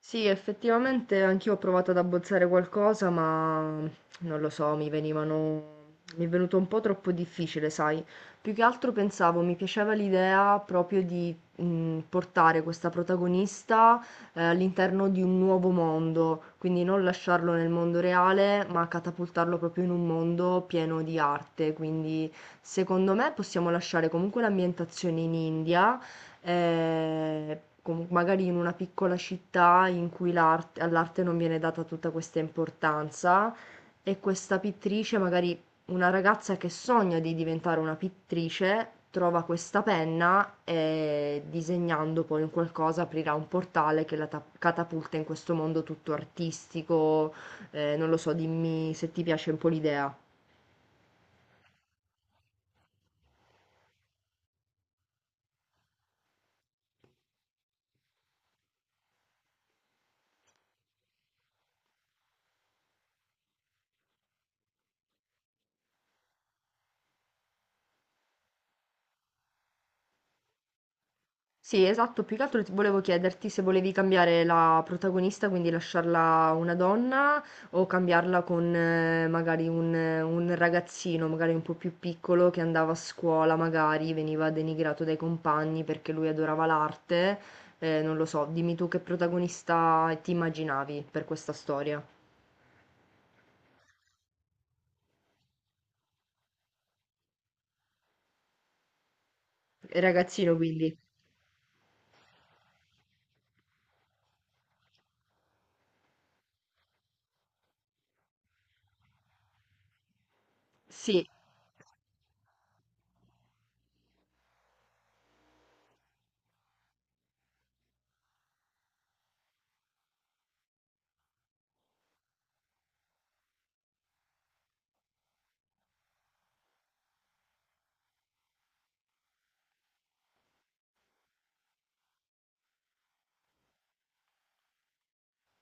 Sì, effettivamente anch'io ho provato ad abbozzare qualcosa, ma non lo so, mi venivano... mi è venuto un po' troppo difficile, sai? Più che altro pensavo, mi piaceva l'idea proprio di portare questa protagonista all'interno di un nuovo mondo, quindi non lasciarlo nel mondo reale, ma catapultarlo proprio in un mondo pieno di arte. Quindi secondo me possiamo lasciare comunque l'ambientazione in India, com magari in una piccola città in cui l'art all'arte non viene data tutta questa importanza e questa pittrice, magari una ragazza che sogna di diventare una pittrice, trova questa penna e disegnando poi un qualcosa aprirà un portale che catapulta in questo mondo tutto artistico. Non lo so, dimmi se ti piace un po' l'idea. Sì, esatto, più che altro ti volevo chiederti se volevi cambiare la protagonista, quindi lasciarla una donna o cambiarla con magari un ragazzino, magari un po' più piccolo che andava a scuola, magari veniva denigrato dai compagni perché lui adorava l'arte. Non lo so, dimmi tu che protagonista ti immaginavi per questa storia. Ragazzino, quindi. Sì.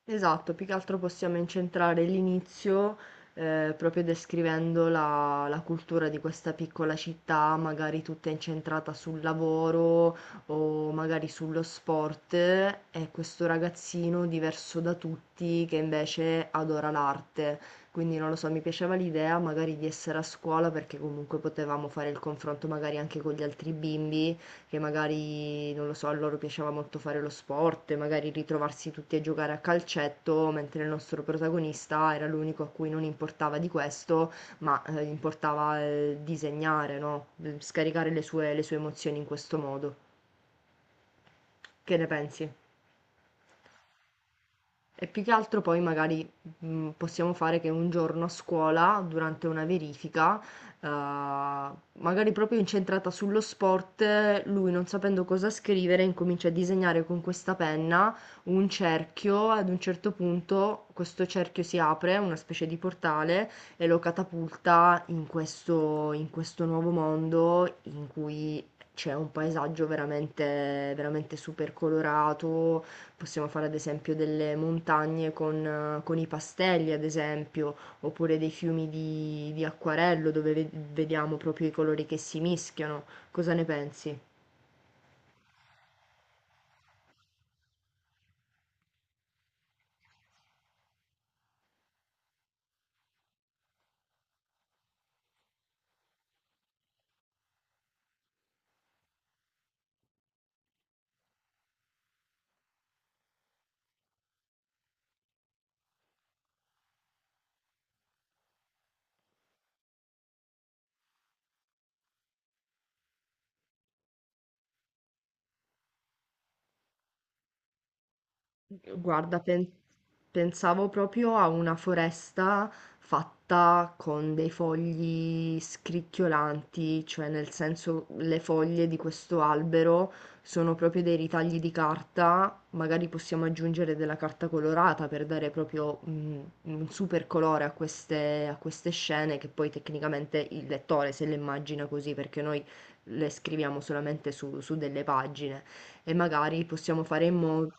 Esatto, più che altro possiamo incentrare l'inizio, proprio descrivendo la cultura di questa piccola città, magari tutta incentrata sul lavoro o magari sullo sport, e questo ragazzino diverso da tutti che invece adora l'arte. Quindi non lo so, mi piaceva l'idea magari di essere a scuola perché comunque potevamo fare il confronto magari anche con gli altri bimbi che magari, non lo so, a loro piaceva molto fare lo sport e magari ritrovarsi tutti a giocare a calcetto, mentre il nostro protagonista era l'unico a cui non importava di questo, ma gli importava disegnare, no? Scaricare le sue emozioni in questo modo. Che ne pensi? E più che altro poi magari possiamo fare che un giorno a scuola, durante una verifica, magari proprio incentrata sullo sport, lui non sapendo cosa scrivere incomincia a disegnare con questa penna un cerchio, ad un certo punto questo cerchio si apre, una specie di portale, e lo catapulta in questo nuovo mondo in cui c'è un paesaggio veramente, veramente super colorato. Possiamo fare ad esempio delle montagne con i pastelli, ad esempio, oppure dei fiumi di acquarello dove vediamo proprio i colori che si mischiano. Cosa ne pensi? Guarda, pensavo proprio a una foresta fatta con dei fogli scricchiolanti, cioè nel senso le foglie di questo albero sono proprio dei ritagli di carta, magari possiamo aggiungere della carta colorata per dare proprio un super colore a a queste scene che poi tecnicamente il lettore se le immagina così, perché noi le scriviamo solamente su delle pagine e magari possiamo fare in modo...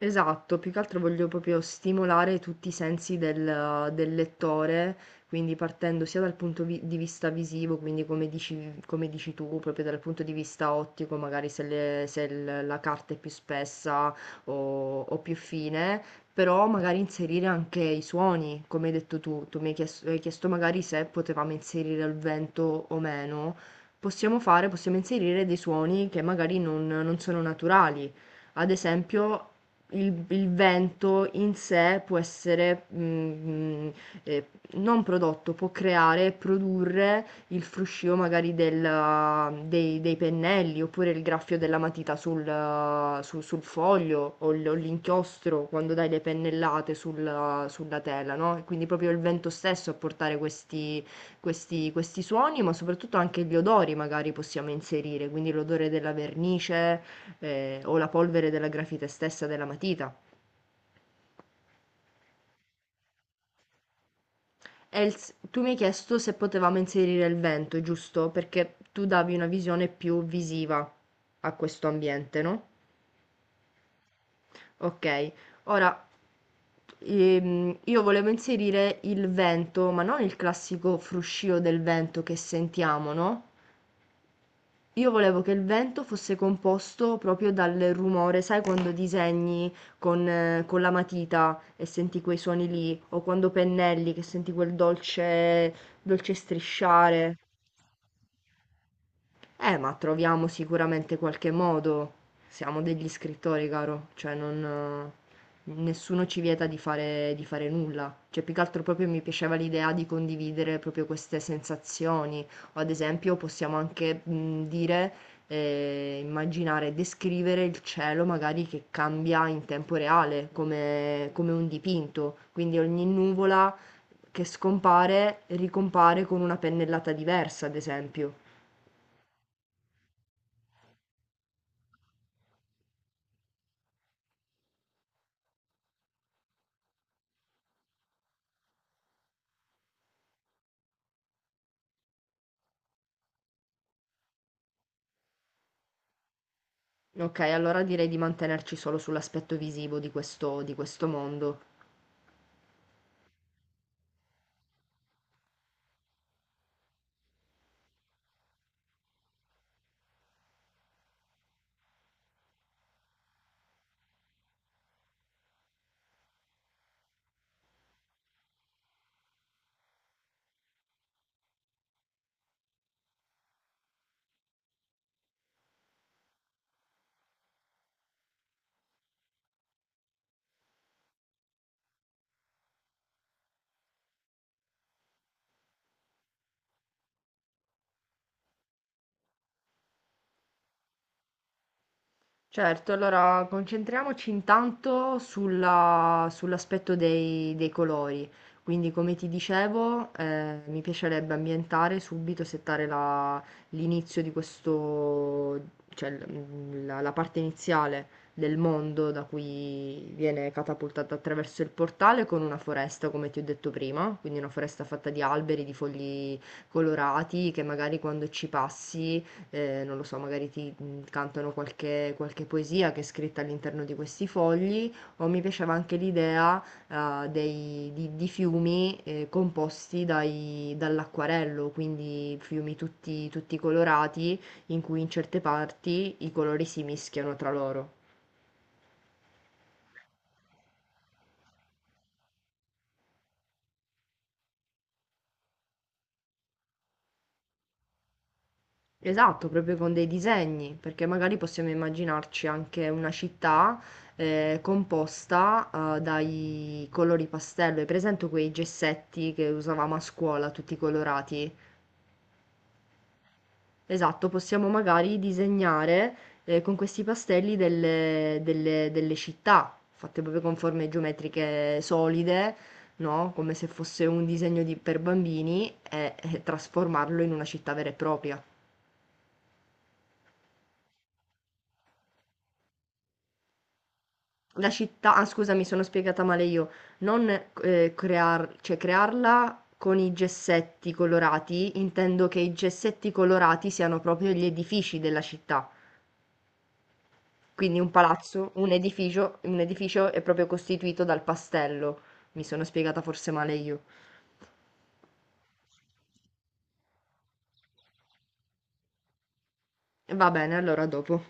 Esatto, più che altro voglio proprio stimolare tutti i sensi del lettore, quindi partendo sia dal punto vi di vista visivo, quindi come dici tu, proprio dal punto di vista ottico, magari se il la carta è più spessa o più fine, però magari inserire anche i suoni, come hai detto tu. Tu mi hai chiesto magari se potevamo inserire il vento o meno. Possiamo inserire dei suoni che magari non sono naturali. Ad esempio, il vento in sé può essere, ehm, non prodotto, può creare, e produrre il fruscio magari del dei pennelli, oppure il graffio della matita sul su sul foglio o l'inchiostro quando dai le pennellate sulla tela, no, e quindi proprio il vento stesso a portare questi questi suoni, ma soprattutto anche gli odori magari possiamo inserire, quindi l'odore della vernice, o la polvere della grafite stessa della matita. Els, tu mi hai chiesto se potevamo inserire il vento, giusto? Perché tu davi una visione più visiva a questo ambiente, no? Ok, ora io volevo inserire il vento, ma non il classico fruscio del vento che sentiamo, no? Io volevo che il vento fosse composto proprio dal rumore, sai quando disegni con la matita e senti quei suoni lì, o quando pennelli che senti quel dolce, dolce strisciare. Ma troviamo sicuramente qualche modo. Siamo degli scrittori, caro, cioè non, nessuno ci vieta di fare nulla. Cioè, più che altro proprio mi piaceva l'idea di condividere proprio queste sensazioni. O ad esempio possiamo anche dire, immaginare, descrivere il cielo magari che cambia in tempo reale, come, come un dipinto. Quindi ogni nuvola che scompare ricompare con una pennellata diversa, ad esempio. Ok, allora direi di mantenerci solo sull'aspetto visivo di di questo mondo. Certo, allora concentriamoci intanto sull'aspetto dei colori. Quindi, come ti dicevo, mi piacerebbe ambientare subito, l'inizio di questo, cioè la parte iniziale del mondo da cui viene catapultata attraverso il portale con una foresta, come ti ho detto prima, quindi una foresta fatta di alberi, di fogli colorati che magari quando ci passi non lo so, magari ti cantano qualche poesia che è scritta all'interno di questi fogli, o mi piaceva anche l'idea di fiumi composti dall'acquarello, quindi fiumi tutti colorati in cui in certe parti i colori si mischiano tra loro. Esatto, proprio con dei disegni, perché magari possiamo immaginarci anche una città composta dai colori pastello. Hai presente quei gessetti che usavamo a scuola, tutti colorati? Esatto, possiamo magari disegnare con questi pastelli delle città, fatte proprio con forme geometriche solide, no? Come se fosse un disegno per bambini e trasformarlo in una città vera e propria. La città, ah scusa, mi sono spiegata male io, non cioè, crearla con i gessetti colorati, intendo che i gessetti colorati siano proprio gli edifici della città, quindi un palazzo, un edificio è proprio costituito dal pastello, mi sono spiegata forse male io. Va bene, allora dopo.